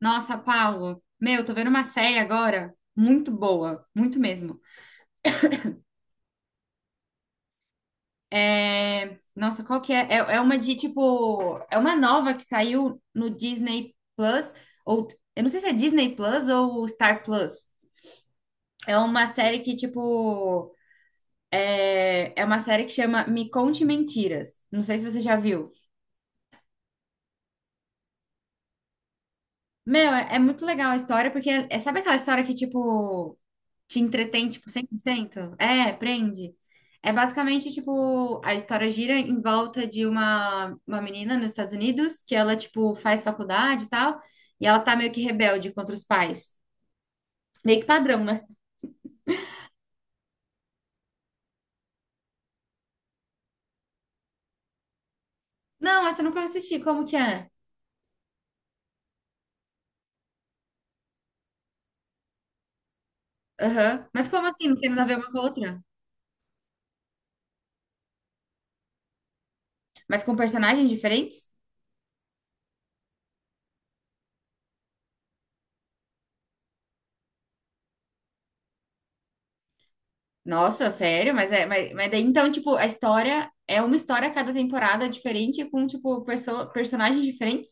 Nossa, Paulo, meu, tô vendo uma série agora muito boa, muito mesmo. É, nossa, qual que é? É uma de tipo, é uma nova que saiu no Disney Plus ou eu não sei se é Disney Plus ou Star Plus. É uma série que tipo, é uma série que chama Me Conte Mentiras. Não sei se você já viu. Meu, é muito legal a história porque sabe aquela história que tipo te entretém, tipo, 100%. É, prende. É basicamente, tipo, a história gira em volta de uma menina nos Estados Unidos, que ela, tipo, faz faculdade e tal, e ela tá meio que rebelde contra os pais. Meio que padrão, né? Não, essa eu nunca assisti, como que é? Aham. Mas como assim? Não tem nada a ver uma com a outra? Mas com personagens diferentes? Nossa, sério? Mas daí, então, tipo, a história é uma história a cada temporada diferente com, tipo, personagens diferentes?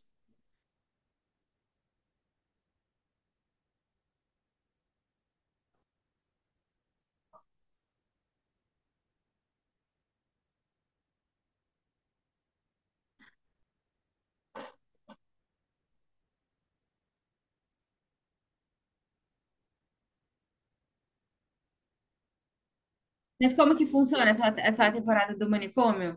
Mas como que funciona essa temporada do manicômio?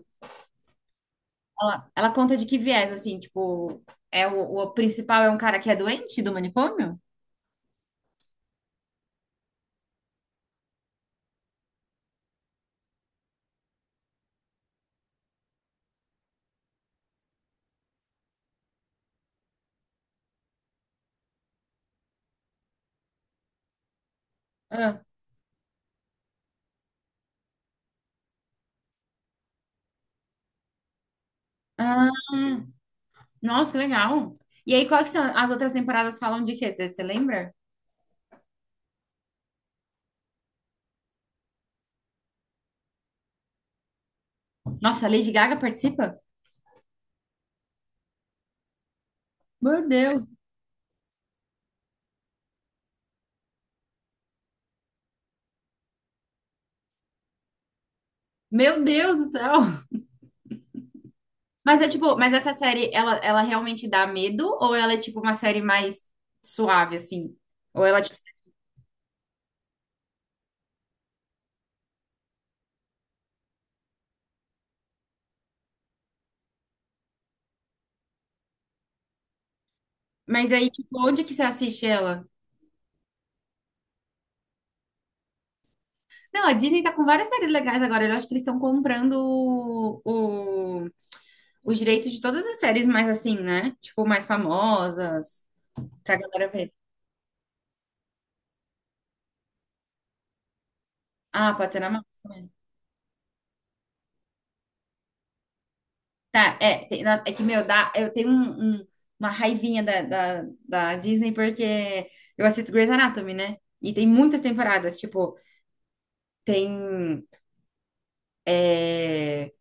Ela conta de que viés, assim, tipo, é o principal é um cara que é doente do manicômio? Ah, ah, nossa, que legal. E aí, quais que são as outras temporadas falam de quê? Você lembra? Nossa, a Lady Gaga participa? Meu Deus. Meu Deus do céu. Mas é tipo, mas essa série, ela realmente dá medo? Ou ela é tipo uma série mais suave, assim? Ou ela, tipo, mas aí, tipo, onde que você assiste ela? Não, a Disney tá com várias séries legais agora. Eu acho que eles estão comprando o- os direitos de todas as séries mais assim, né? Tipo, mais famosas, pra galera ver. Ah, pode ser na Max também. Tá, é, é que, meu, dá, eu tenho uma raivinha da Disney porque eu assisto Grey's Anatomy, né? E tem muitas temporadas, tipo, tem é,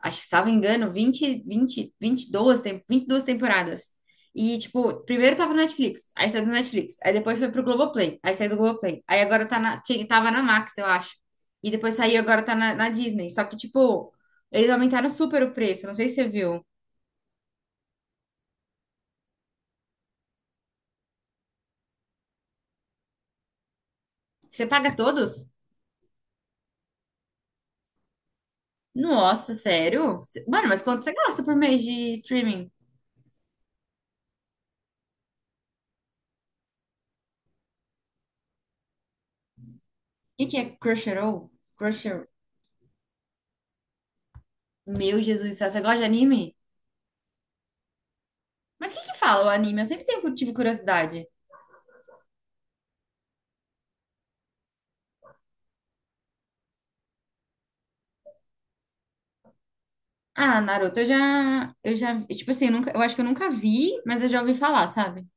acho que se não me engano, 22 temporadas. E, tipo, primeiro tava no Netflix, aí saiu do Netflix, aí depois foi pro Globoplay, aí saiu do Globoplay, aí agora tava na Max, eu acho. E depois saiu, agora tá na Disney. Só que, tipo, eles aumentaram super o preço, não sei se você viu. Você paga todos? Nossa, sério? Mano, mas quanto você gasta por mês de streaming? O que que é Crunchyroll? Crunchyroll. Meu Jesus do céu, você gosta de anime? Mas o que que fala o anime? Eu sempre tive curiosidade. Ah, Naruto, eu já, tipo assim, eu, nunca, eu acho que eu nunca vi, mas eu já ouvi falar, sabe?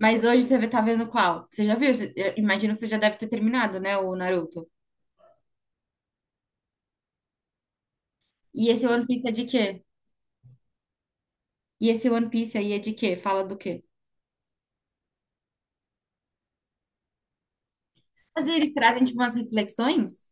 Mas hoje você tá vendo qual? Você já viu? Eu imagino que você já deve ter terminado, né, o Naruto. E esse One Piece é de quê? E esse One Piece aí é de quê? Fala do quê? Mas eles trazem, tipo, umas reflexões?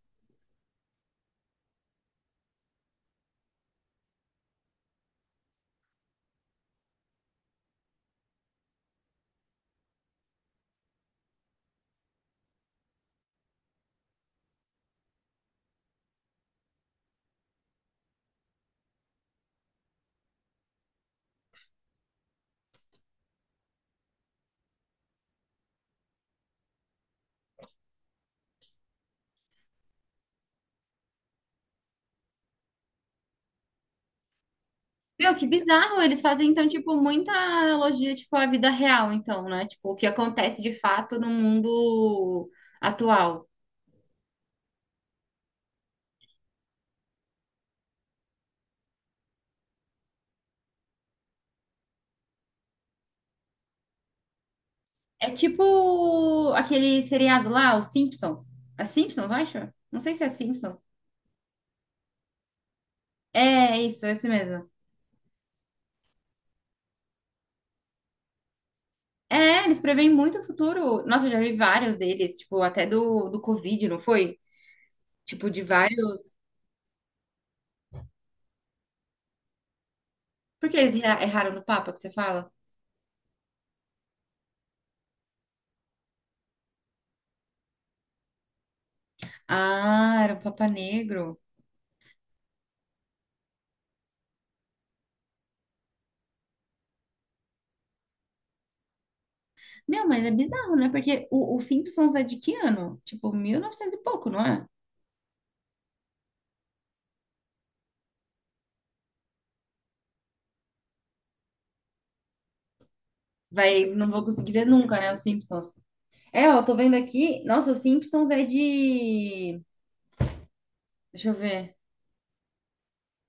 Meu, que bizarro! Eles fazem, então, tipo, muita analogia, tipo, à vida real, então, né? Tipo, o que acontece de fato no mundo atual. É tipo aquele seriado lá, os Simpsons. É Simpsons, eu acho? Não sei se é Simpsons. É isso, é esse mesmo. É, eles preveem muito o futuro. Nossa, eu já vi vários deles, tipo, até do Covid, não foi? Tipo, de vários. Por que eles erraram no Papa que você fala? Ah, era o Papa Negro. Meu, mas é bizarro, né? Porque o Simpsons é de que ano? Tipo, 1900 e pouco, não é? Vai, não vou conseguir ver nunca, né? Os Simpsons. É, ó, tô vendo aqui. Nossa, os Simpsons é de. Deixa eu ver.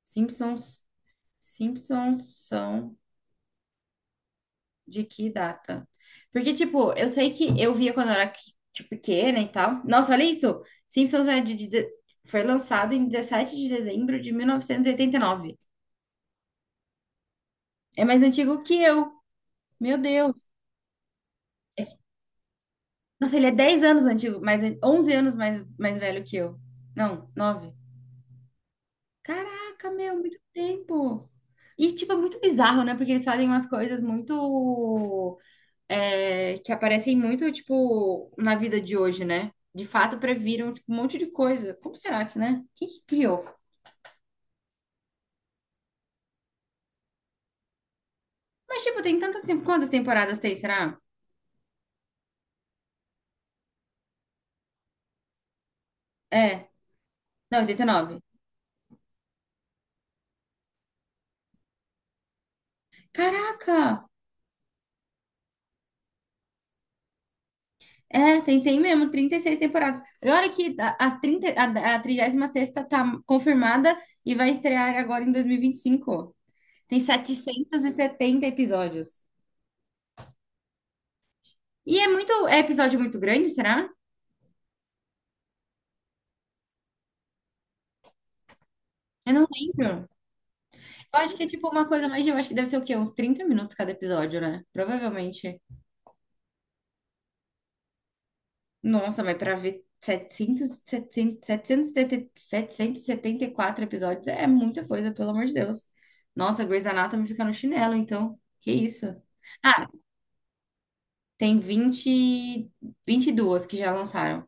Simpsons, Simpsons são de que data? Porque, tipo, eu sei que eu via quando eu era, tipo, pequena e tal. Nossa, olha isso! Simpsons é de, foi lançado em 17 de dezembro de mil novecentos e oitenta e nove. É mais antigo que eu. Meu Deus! Nossa, ele é 10 anos antigo, mais, 11 anos mais velho que eu. Não, 9. Caraca, meu, muito tempo! E, tipo, é muito bizarro, né? Porque eles fazem umas coisas muito que aparecem muito, tipo, na vida de hoje, né? De fato, previram, tipo, um monte de coisa. Como será que, né? Quem que criou? Mas, tipo, quantas temporadas tem, será? É. Não, 89. Caraca! É, tem mesmo, 36 temporadas. E olha que a, 30, a 36ª tá confirmada e vai estrear agora em dois mil e vinte e cinco. Tem 770 episódios. É episódio muito grande, será? Eu não lembro. Eu acho que é tipo uma coisa mais. Eu acho que deve ser o quê? Uns 30 minutos cada episódio, né? Provavelmente. Nossa, mas pra ver 700, setenta 774 episódios é muita coisa, pelo amor de Deus. Nossa, Grey's Anatomy fica no chinelo, então. Que isso? Ah, tem 22 que já lançaram.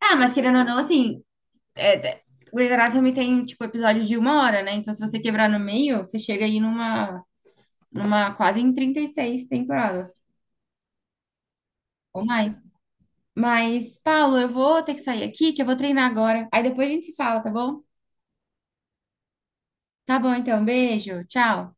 Ah, mas querendo ou não, assim. É, Grey's Anatomy tem, tipo, episódio de 1 hora, né? Então, se você quebrar no meio, você chega aí numa quase em 36 temporadas. Ou mais. Mas, Paulo, eu vou ter que sair aqui, que eu vou treinar agora. Aí depois a gente se fala, tá bom? Tá bom, então. Beijo. Tchau.